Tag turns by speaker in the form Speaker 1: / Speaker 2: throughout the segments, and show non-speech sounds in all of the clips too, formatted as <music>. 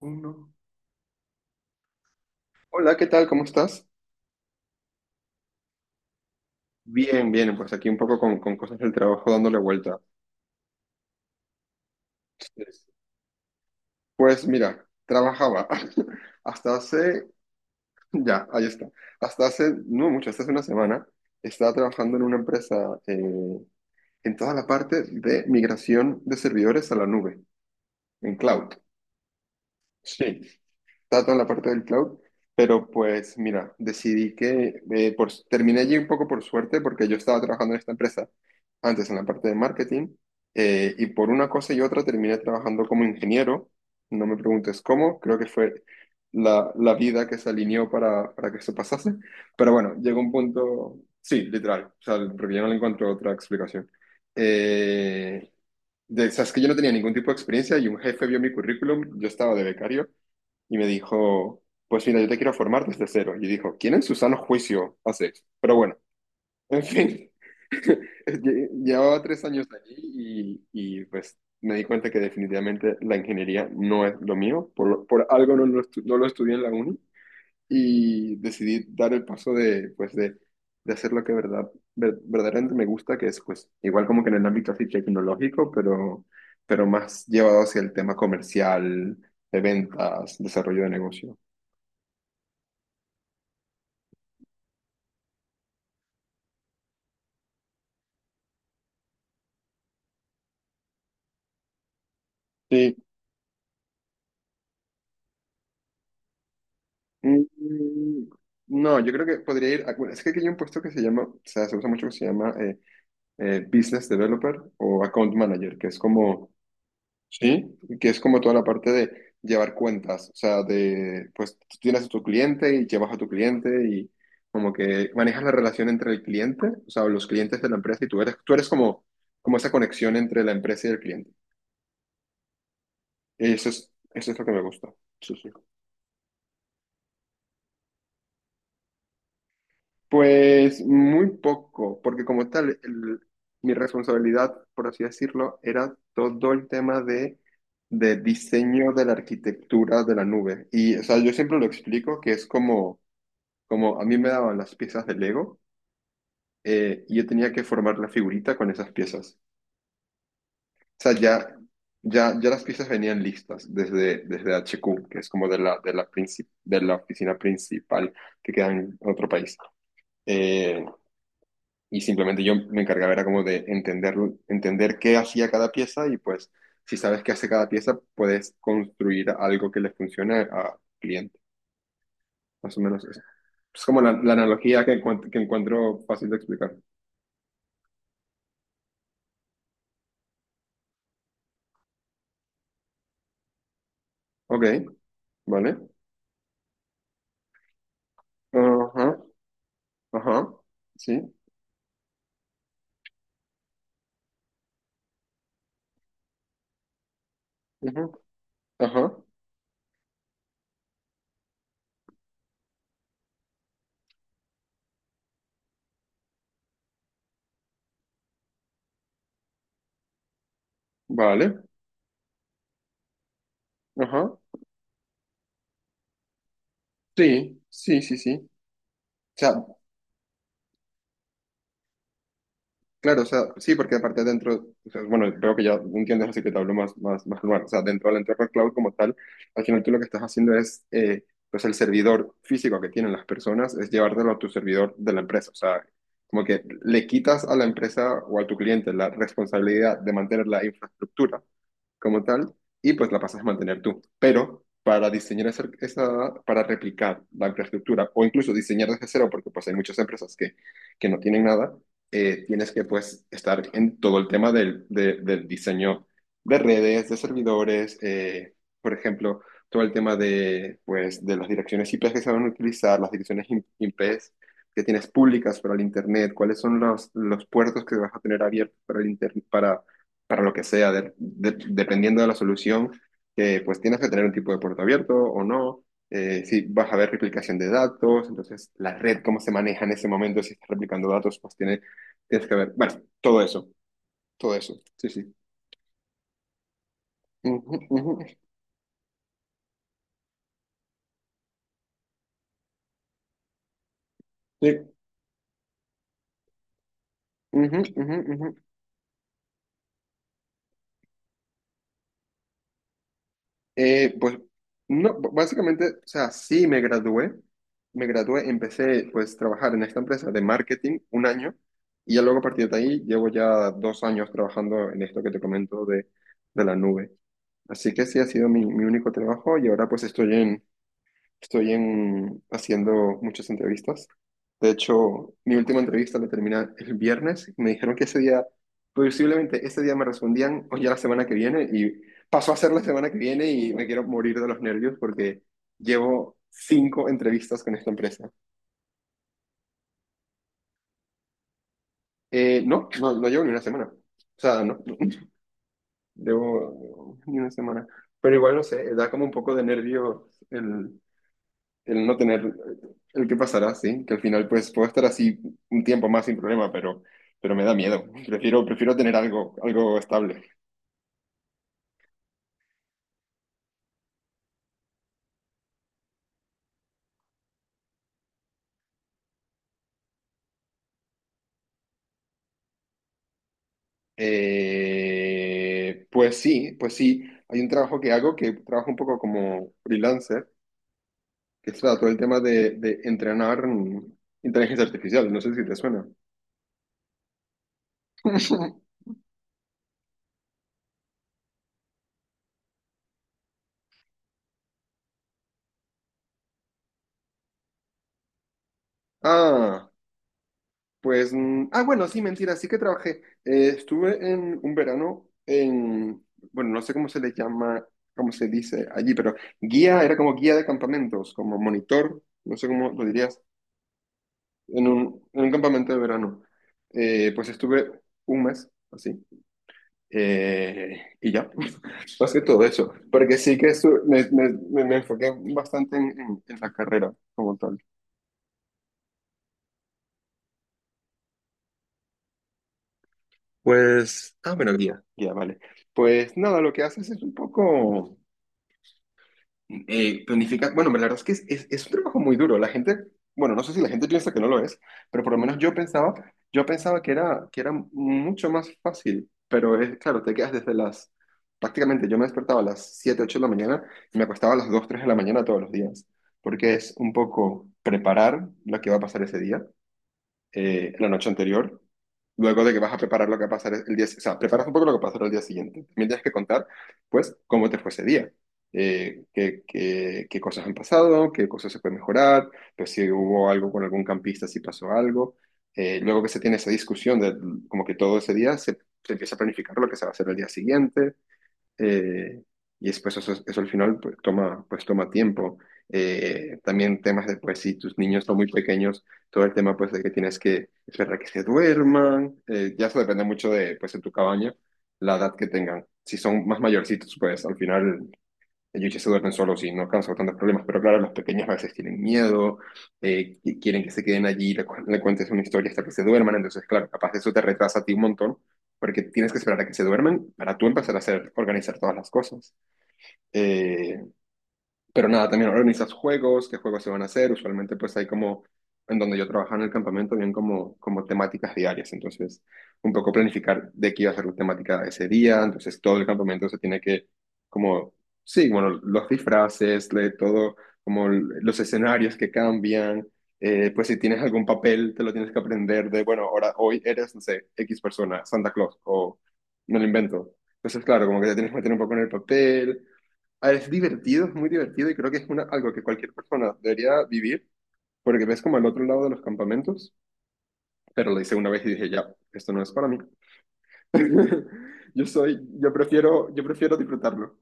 Speaker 1: Uno. Hola, ¿qué tal? ¿Cómo estás? Bien, bien, pues aquí un poco con cosas del trabajo dándole vuelta. Pues mira, trabajaba <laughs> hasta hace, ya, ahí está, hasta hace, no mucho, hasta hace una semana, estaba trabajando en una empresa en toda la parte de migración de servidores a la nube, en cloud. Sí. Está toda la parte del cloud, pero pues mira, decidí que terminé allí un poco por suerte porque yo estaba trabajando en esta empresa antes en la parte de marketing y por una cosa y otra terminé trabajando como ingeniero, no me preguntes cómo, creo que fue la vida que se alineó para que eso pasase, pero bueno, llegó un punto, sí, literal, o sea, porque yo no le encuentro otra explicación. Eh, o sea, es que yo no tenía ningún tipo de experiencia y un jefe vio mi currículum, yo estaba de becario y me dijo, pues mira, yo te quiero formar desde cero. Y dijo, ¿quién en su sano juicio hace eso? Pero bueno, en fin, <laughs> llevaba 3 años allí y, y, pues me di cuenta que definitivamente la ingeniería no es lo mío, por algo no lo estudié en la uni y decidí dar el paso de hacer lo que verdaderamente me gusta, que es pues igual como que en el ámbito así tecnológico, pero más llevado hacia el tema comercial, de ventas, desarrollo de negocio. Sí. Mm. No, yo creo que podría ir. Bueno, es que aquí hay un puesto que se llama, o sea, se usa mucho que se llama Business Developer o Account Manager, que es como, sí, que es como toda la parte de llevar cuentas. O sea, de, pues tú tienes a tu cliente y llevas a tu cliente y como que manejas la relación entre el cliente, o sea, o los clientes de la empresa y tú eres como, como esa conexión entre la empresa y el cliente. Eso es lo que me gusta. Sí, sí. Pues muy poco, porque como tal, mi responsabilidad, por así decirlo, era todo el tema de diseño de la arquitectura de la nube. Y, o sea, yo siempre lo explico que es como a mí me daban las piezas de Lego y yo tenía que formar la figurita con esas piezas. O sea, ya, ya, ya las piezas venían listas desde HQ, que es como de la oficina principal que queda en otro país. Eh, y simplemente yo me encargaba era como de entenderlo, entender qué hacía cada pieza y pues si sabes qué hace cada pieza, puedes construir algo que le funcione a cliente. Más o menos eso. Es como la analogía que encuentro fácil de explicar. Ok, vale. Ajá, ajá, sí, ujú, ajá, vale, ajá, sí, sí, sí, sí. O sea, claro, o sea, sí, porque aparte dentro, o sea, bueno, creo que ya entiendes, así que te hablo más, más, más normal. O sea, dentro del entorno cloud como tal, al final tú lo que estás haciendo es, pues el servidor físico que tienen las personas es llevártelo a tu servidor de la empresa. O sea, como que le quitas a la empresa o a tu cliente la responsabilidad de mantener la infraestructura como tal y pues la pasas a mantener tú. Pero para diseñar para replicar la infraestructura o incluso diseñar desde cero, porque pues hay muchas empresas que no tienen nada tienes que pues estar en todo el tema del diseño de redes, de servidores, por ejemplo, todo el tema de, pues, de las direcciones IP que se van a utilizar, las direcciones IP que tienes públicas para el Internet, cuáles son los puertos que vas a tener abiertos para el Internet, para lo que sea, dependiendo de la solución, pues tienes que tener un tipo de puerto abierto o no si vas a ver replicación de datos, entonces la red, cómo se maneja en ese momento, si está replicando datos, pues tienes que ver. Bueno, todo eso, todo eso. Sí, sí. Ujú, ujú. Sí. Ujú, ujú, ujú. Pues, no, básicamente, o sea, sí me gradué. Me gradué, empecé pues a trabajar en esta empresa de marketing un año y ya luego a partir de ahí llevo ya 2 años trabajando en esto que te comento de la nube. Así que sí ha sido mi único trabajo y ahora pues estoy haciendo muchas entrevistas. De hecho, mi última entrevista la terminé el viernes y me dijeron que ese día, posiblemente ese día me respondían o ya la semana que viene y pasó a ser la semana que viene y me quiero morir de los nervios porque llevo cinco entrevistas con esta empresa. No, no, no llevo ni una semana. O sea, no, <laughs> no, llevo ni una semana. Pero igual, no sé, da como un poco de nervios el el no tener el qué pasará, sí, que al final pues puedo estar así un tiempo más sin problema, pero me da miedo. Prefiero tener algo, algo estable. Pues sí, pues sí. Hay un trabajo que hago que trabajo un poco como freelancer, que es claro, todo el tema de entrenar inteligencia artificial. No sé si te suena. <laughs> Ah. Pues, ah, bueno, sí, mentira, sí que trabajé. Estuve en un verano en, bueno, no sé cómo se le llama, cómo se dice allí, pero guía, era como guía de campamentos, como monitor, no sé cómo lo dirías, en un campamento de verano. Pues estuve un mes, así, y ya, <laughs> más que todo eso, porque sí que me enfoqué bastante en la carrera como tal. Pues, ah, bueno, guía, guía, vale. Pues nada, lo que haces es un poco, planifica, bueno, la verdad es que es un trabajo muy duro. La gente, bueno, no sé si la gente piensa que no lo es, pero por lo menos yo pensaba, que era mucho más fácil, pero es, claro, te quedas desde las, prácticamente yo me despertaba a las 7 8 de la mañana y me acostaba a las 2 3 de la mañana todos los días, porque es un poco preparar lo que va a pasar ese día, la noche anterior, luego de que vas a preparar lo que va a pasar el día, o sea, preparas un poco lo que pasará el día siguiente. También tienes que contar, pues, cómo te fue ese día, qué cosas han pasado, qué cosas se puede mejorar, pues si hubo algo con algún campista, si pasó algo. Luego que se tiene esa discusión de como que todo ese día se empieza a planificar lo que se va a hacer el día siguiente. Eh, y después eso al final pues, toma tiempo. También temas de, pues si tus niños son muy pequeños, todo el tema pues de que tienes que esperar a que se duerman. Ya eso depende mucho de, pues, de tu cabaña, la edad que tengan. Si son más mayorcitos, pues al final ellos ya se duermen solos y no causa tantos problemas, pero claro, los pequeños a veces tienen miedo, quieren que se queden allí, le cuentes una historia hasta que se duerman, entonces claro, capaz eso te retrasa a ti un montón, porque tienes que esperar a que se duerman para tú empezar a hacer, organizar todas las cosas. Eh, pero nada, también organizas juegos, qué juegos se van a hacer. Usualmente pues hay como, en donde yo trabajaba en el campamento, bien como temáticas diarias. Entonces, un poco planificar de qué iba a ser la temática ese día. Entonces, todo el campamento se tiene que, como, sí, bueno, los disfraces, todo, como los escenarios que cambian. Pues si tienes algún papel, te lo tienes que aprender de, bueno, ahora, hoy eres, no sé, X persona, Santa Claus, o me lo invento. Entonces, claro, como que te tienes que meter un poco en el papel. Ah, es divertido, es muy divertido y creo que es algo que cualquier persona debería vivir porque ves como al otro lado de los campamentos, pero lo hice una vez y dije, ya, esto no es para mí. <laughs> Yo prefiero disfrutarlo.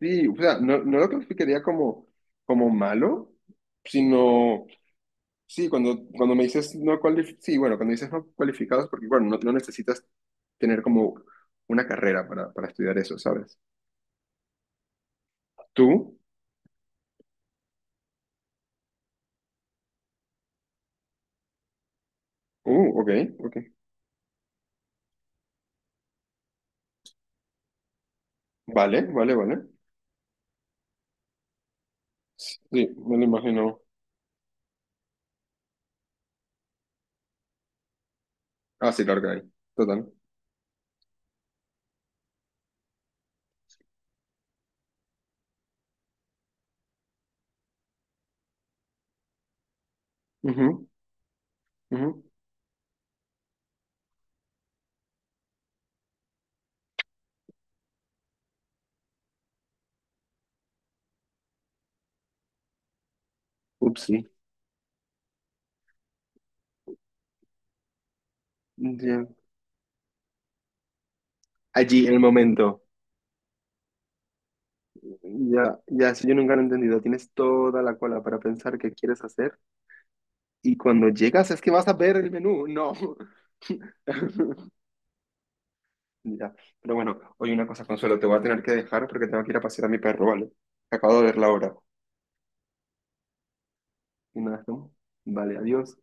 Speaker 1: Sí, o sea, no, no lo clasificaría como malo, sino, sí, cuando me dices no cualificados, sí, bueno, cuando dices no cualificados, porque bueno, no, no necesitas tener como una carrera para estudiar eso, ¿sabes? ¿Tú? Ok, ok. Vale, vale, vale. Sí, me lo imagino. Ah, sí, claro que hay. Total. Ujú, ujú. Upsi. Ya. Allí, el momento. Ya, ya, eso yo nunca lo he entendido. Tienes toda la cola para pensar qué quieres hacer y cuando llegas es que vas a ver el menú. No. <laughs> Ya. Pero bueno, oye, una cosa, Consuelo, te voy a tener que dejar porque tengo que ir a pasear a mi perro, ¿vale? Acabo de ver la hora. Y nada, ¿no? Vale, adiós.